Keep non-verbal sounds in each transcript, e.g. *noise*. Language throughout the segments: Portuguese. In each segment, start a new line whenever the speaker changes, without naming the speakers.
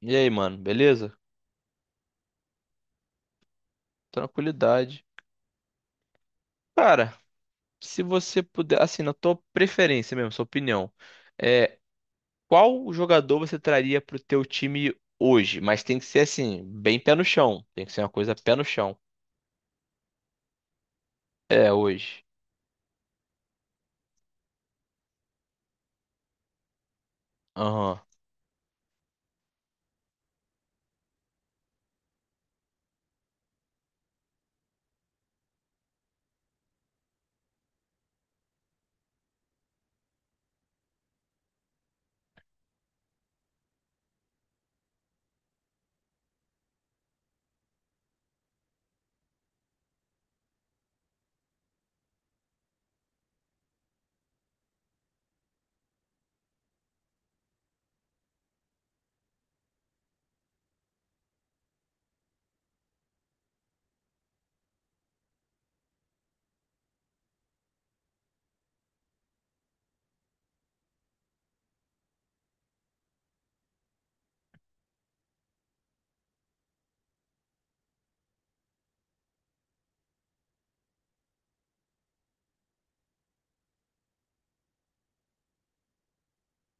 E aí, mano, beleza? Tranquilidade. Cara, se você puder, assim, na tua preferência mesmo, sua opinião, é, qual jogador você traria pro teu time hoje? Mas tem que ser assim, bem pé no chão. Tem que ser uma coisa pé no chão. É, hoje. Aham.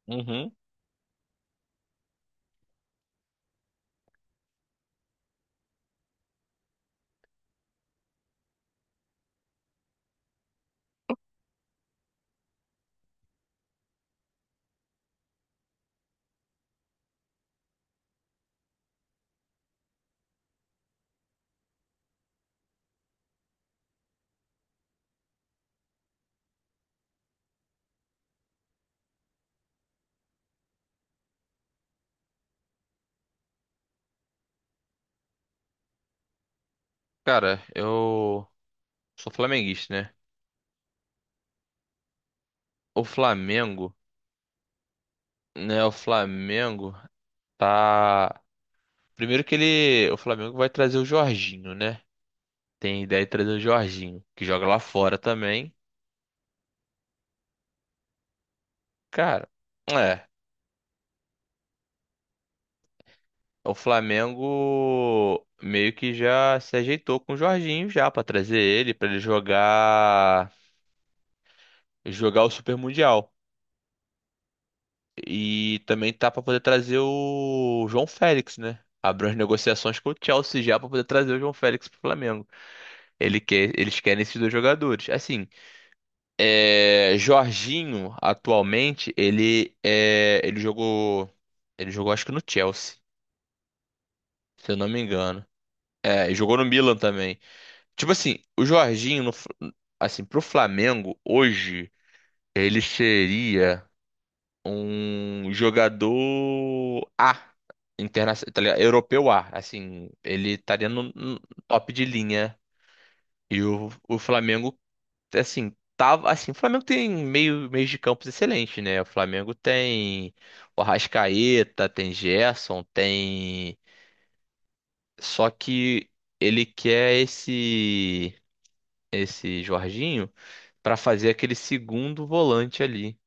Uhum. Cara, eu sou flamenguista, né? O Flamengo, né? O Flamengo tá. Primeiro que ele. O Flamengo vai trazer o Jorginho, né? Tem ideia de trazer o Jorginho, que joga lá fora também. Cara, é. O Flamengo meio que já se ajeitou com o Jorginho já pra trazer ele, pra ele jogar o Super Mundial. E também tá pra poder trazer o João Félix, né? Abriu as negociações com o Chelsea já pra poder trazer o João Félix pro Flamengo. Ele quer, eles querem esses dois jogadores. Assim, Jorginho atualmente ele jogou acho que no Chelsea, se eu não me engano. É, e jogou no Milan também. Tipo assim, o Jorginho, no Fla- assim, pro Flamengo, hoje, ele seria um jogador A, internacional, tá ligado? Europeu A. Assim, ele estaria no top de linha. E o Flamengo, assim, tava. Assim, o Flamengo tem meios de campos excelente, né? O Flamengo tem o Arrascaeta, tem Gerson, tem. Só que ele quer esse Jorginho para fazer aquele segundo volante ali.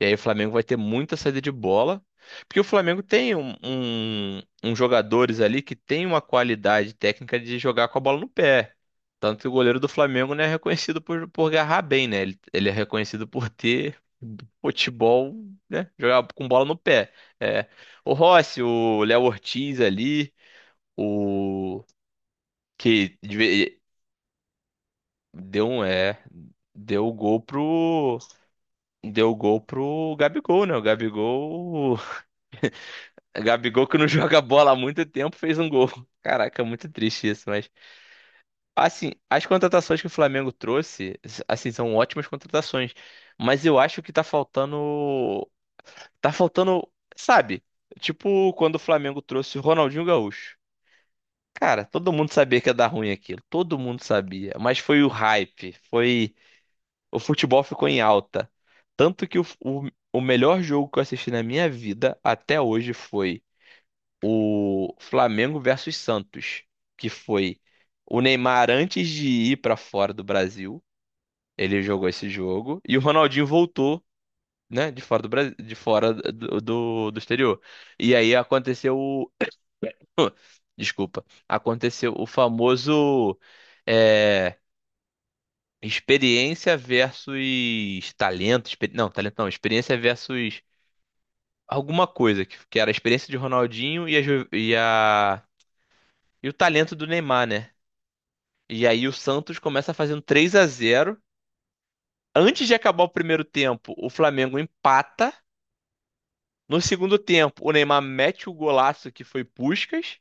E aí o Flamengo vai ter muita saída de bola, porque o Flamengo tem uns jogadores ali que tem uma qualidade técnica de jogar com a bola no pé. Tanto que o goleiro do Flamengo não é reconhecido por agarrar bem, né? Ele é reconhecido por ter futebol, né? Jogar com bola no pé. É. O Rossi, o Léo Ortiz ali, o que Deu um. Deu o gol pro. Deu o gol pro Gabigol, né? O Gabigol. *laughs* Gabigol que não *laughs* joga bola há muito tempo fez um gol. Caraca, muito triste isso, mas. Assim, as contratações que o Flamengo trouxe, assim, são ótimas contratações. Mas eu acho que tá faltando. Tá faltando. Sabe? Tipo quando o Flamengo trouxe o Ronaldinho Gaúcho. Cara, todo mundo sabia que ia dar ruim aquilo. Todo mundo sabia. Mas foi o hype. Foi. O futebol ficou em alta. Tanto que o melhor jogo que eu assisti na minha vida até hoje foi o Flamengo versus Santos, que foi o Neymar antes de ir pra fora do Brasil, ele jogou esse jogo e o Ronaldinho voltou, né, de fora do Brasil, de fora do exterior. E aí aconteceu o *coughs* *laughs* Desculpa. Aconteceu o famoso eh, experiência versus talento. Não, talento não. Experiência versus alguma coisa, que era a experiência de Ronaldinho e a, ju- e a- e o talento do Neymar, né? E aí o Santos começa fazendo 3 a 0. Antes de acabar o primeiro tempo, o Flamengo empata. No segundo tempo, o Neymar mete o golaço que foi Puskás.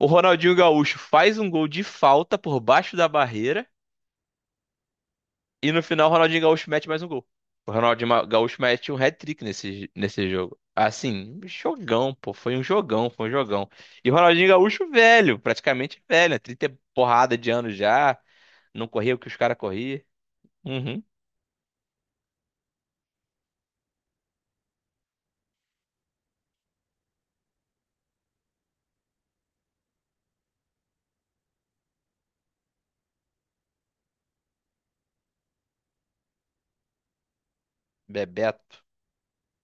O Ronaldinho Gaúcho faz um gol de falta por baixo da barreira. E no final, o Ronaldinho Gaúcho mete mais um gol. O Ronaldinho Gaúcho mete um hat-trick nesse jogo. Assim, um jogão, pô. Foi um jogão, foi um jogão. E o Ronaldinho Gaúcho velho, praticamente velho, né? 30 porrada de anos já. Não corria o que os caras corriam. Uhum. Bebeto,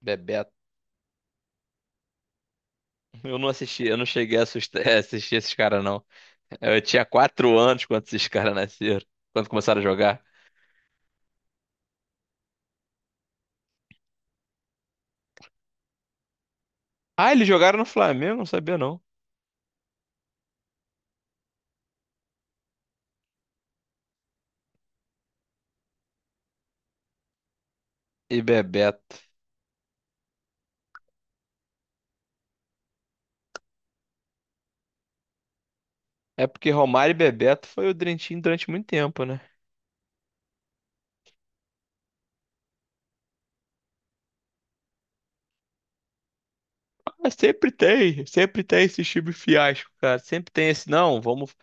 Bebeto. Eu não assisti, eu não cheguei *laughs* a assistir esses caras, não. Eu tinha 4 anos quando esses caras nasceram, quando começaram a jogar. Ah, eles jogaram no Flamengo? Não sabia, não. E Bebeto. É porque Romário e Bebeto foi o Dream Team durante muito tempo, né? Ah, sempre tem esse time fiasco, cara. Sempre tem esse, não, vamos.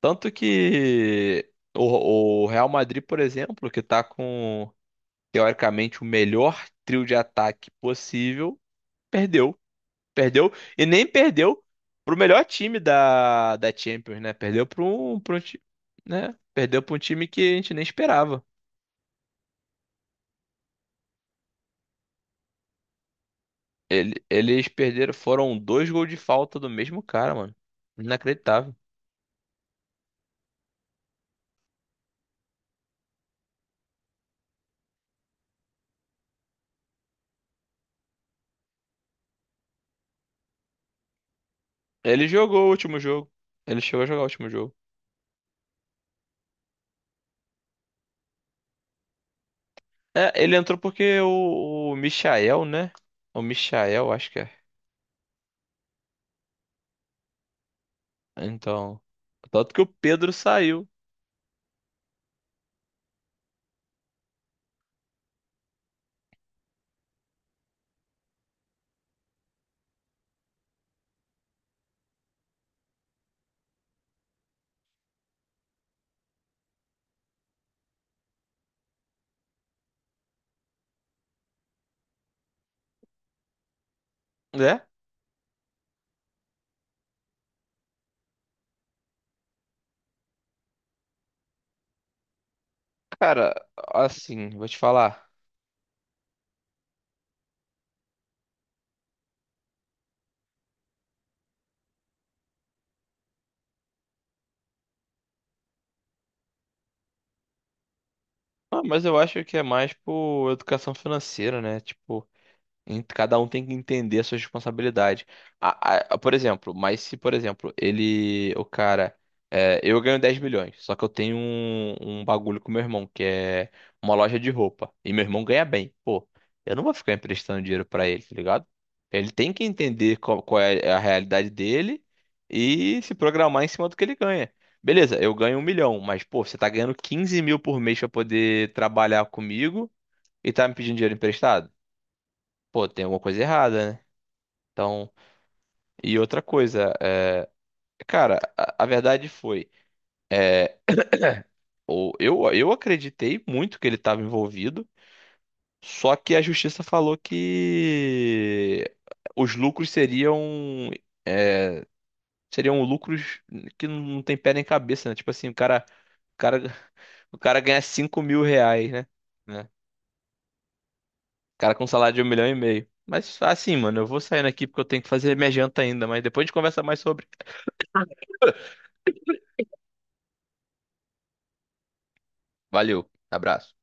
Tanto que o Real Madrid, por exemplo, que tá com, teoricamente, o melhor trio de ataque possível, perdeu. Perdeu, e nem perdeu pro melhor time da Champions, né? Perdeu pro um, ti- né? Perdeu pra um time que a gente nem esperava. Eles perderam, foram dois gols de falta do mesmo cara, mano. Inacreditável. Ele jogou o último jogo. Ele chegou a jogar o último jogo. É, ele entrou porque o Michael, né? O Michael, acho que é. Então. Tanto que o Pedro saiu, né? Cara, assim, vou te falar. Ah, mas eu acho que é mais por educação financeira, né? Tipo, cada um tem que entender a sua responsabilidade. Por exemplo, mas se, por exemplo, ele, o cara, eu ganho 10 milhões, só que eu tenho um bagulho com meu irmão, que é uma loja de roupa, e meu irmão ganha bem. Pô, eu não vou ficar emprestando dinheiro pra ele, tá ligado? Ele tem que entender qual é a realidade dele e se programar em cima do que ele ganha. Beleza, eu ganho 1 milhão, mas, pô, você tá ganhando 15 mil por mês pra poder trabalhar comigo e tá me pedindo dinheiro emprestado? Pô, tem alguma coisa errada, né? Então, e outra coisa, cara, a verdade foi, é, *clears throat* eu acreditei muito que ele estava envolvido, só que a justiça falou que os lucros é, seriam lucros que não tem pé nem cabeça, né? Tipo assim, o cara, o cara ganha 5 mil reais, né? Né? O cara com um salário de 1,5 milhão. Mas assim, mano, eu vou saindo aqui porque eu tenho que fazer minha janta ainda, mas depois a gente conversa mais sobre. Valeu, abraço.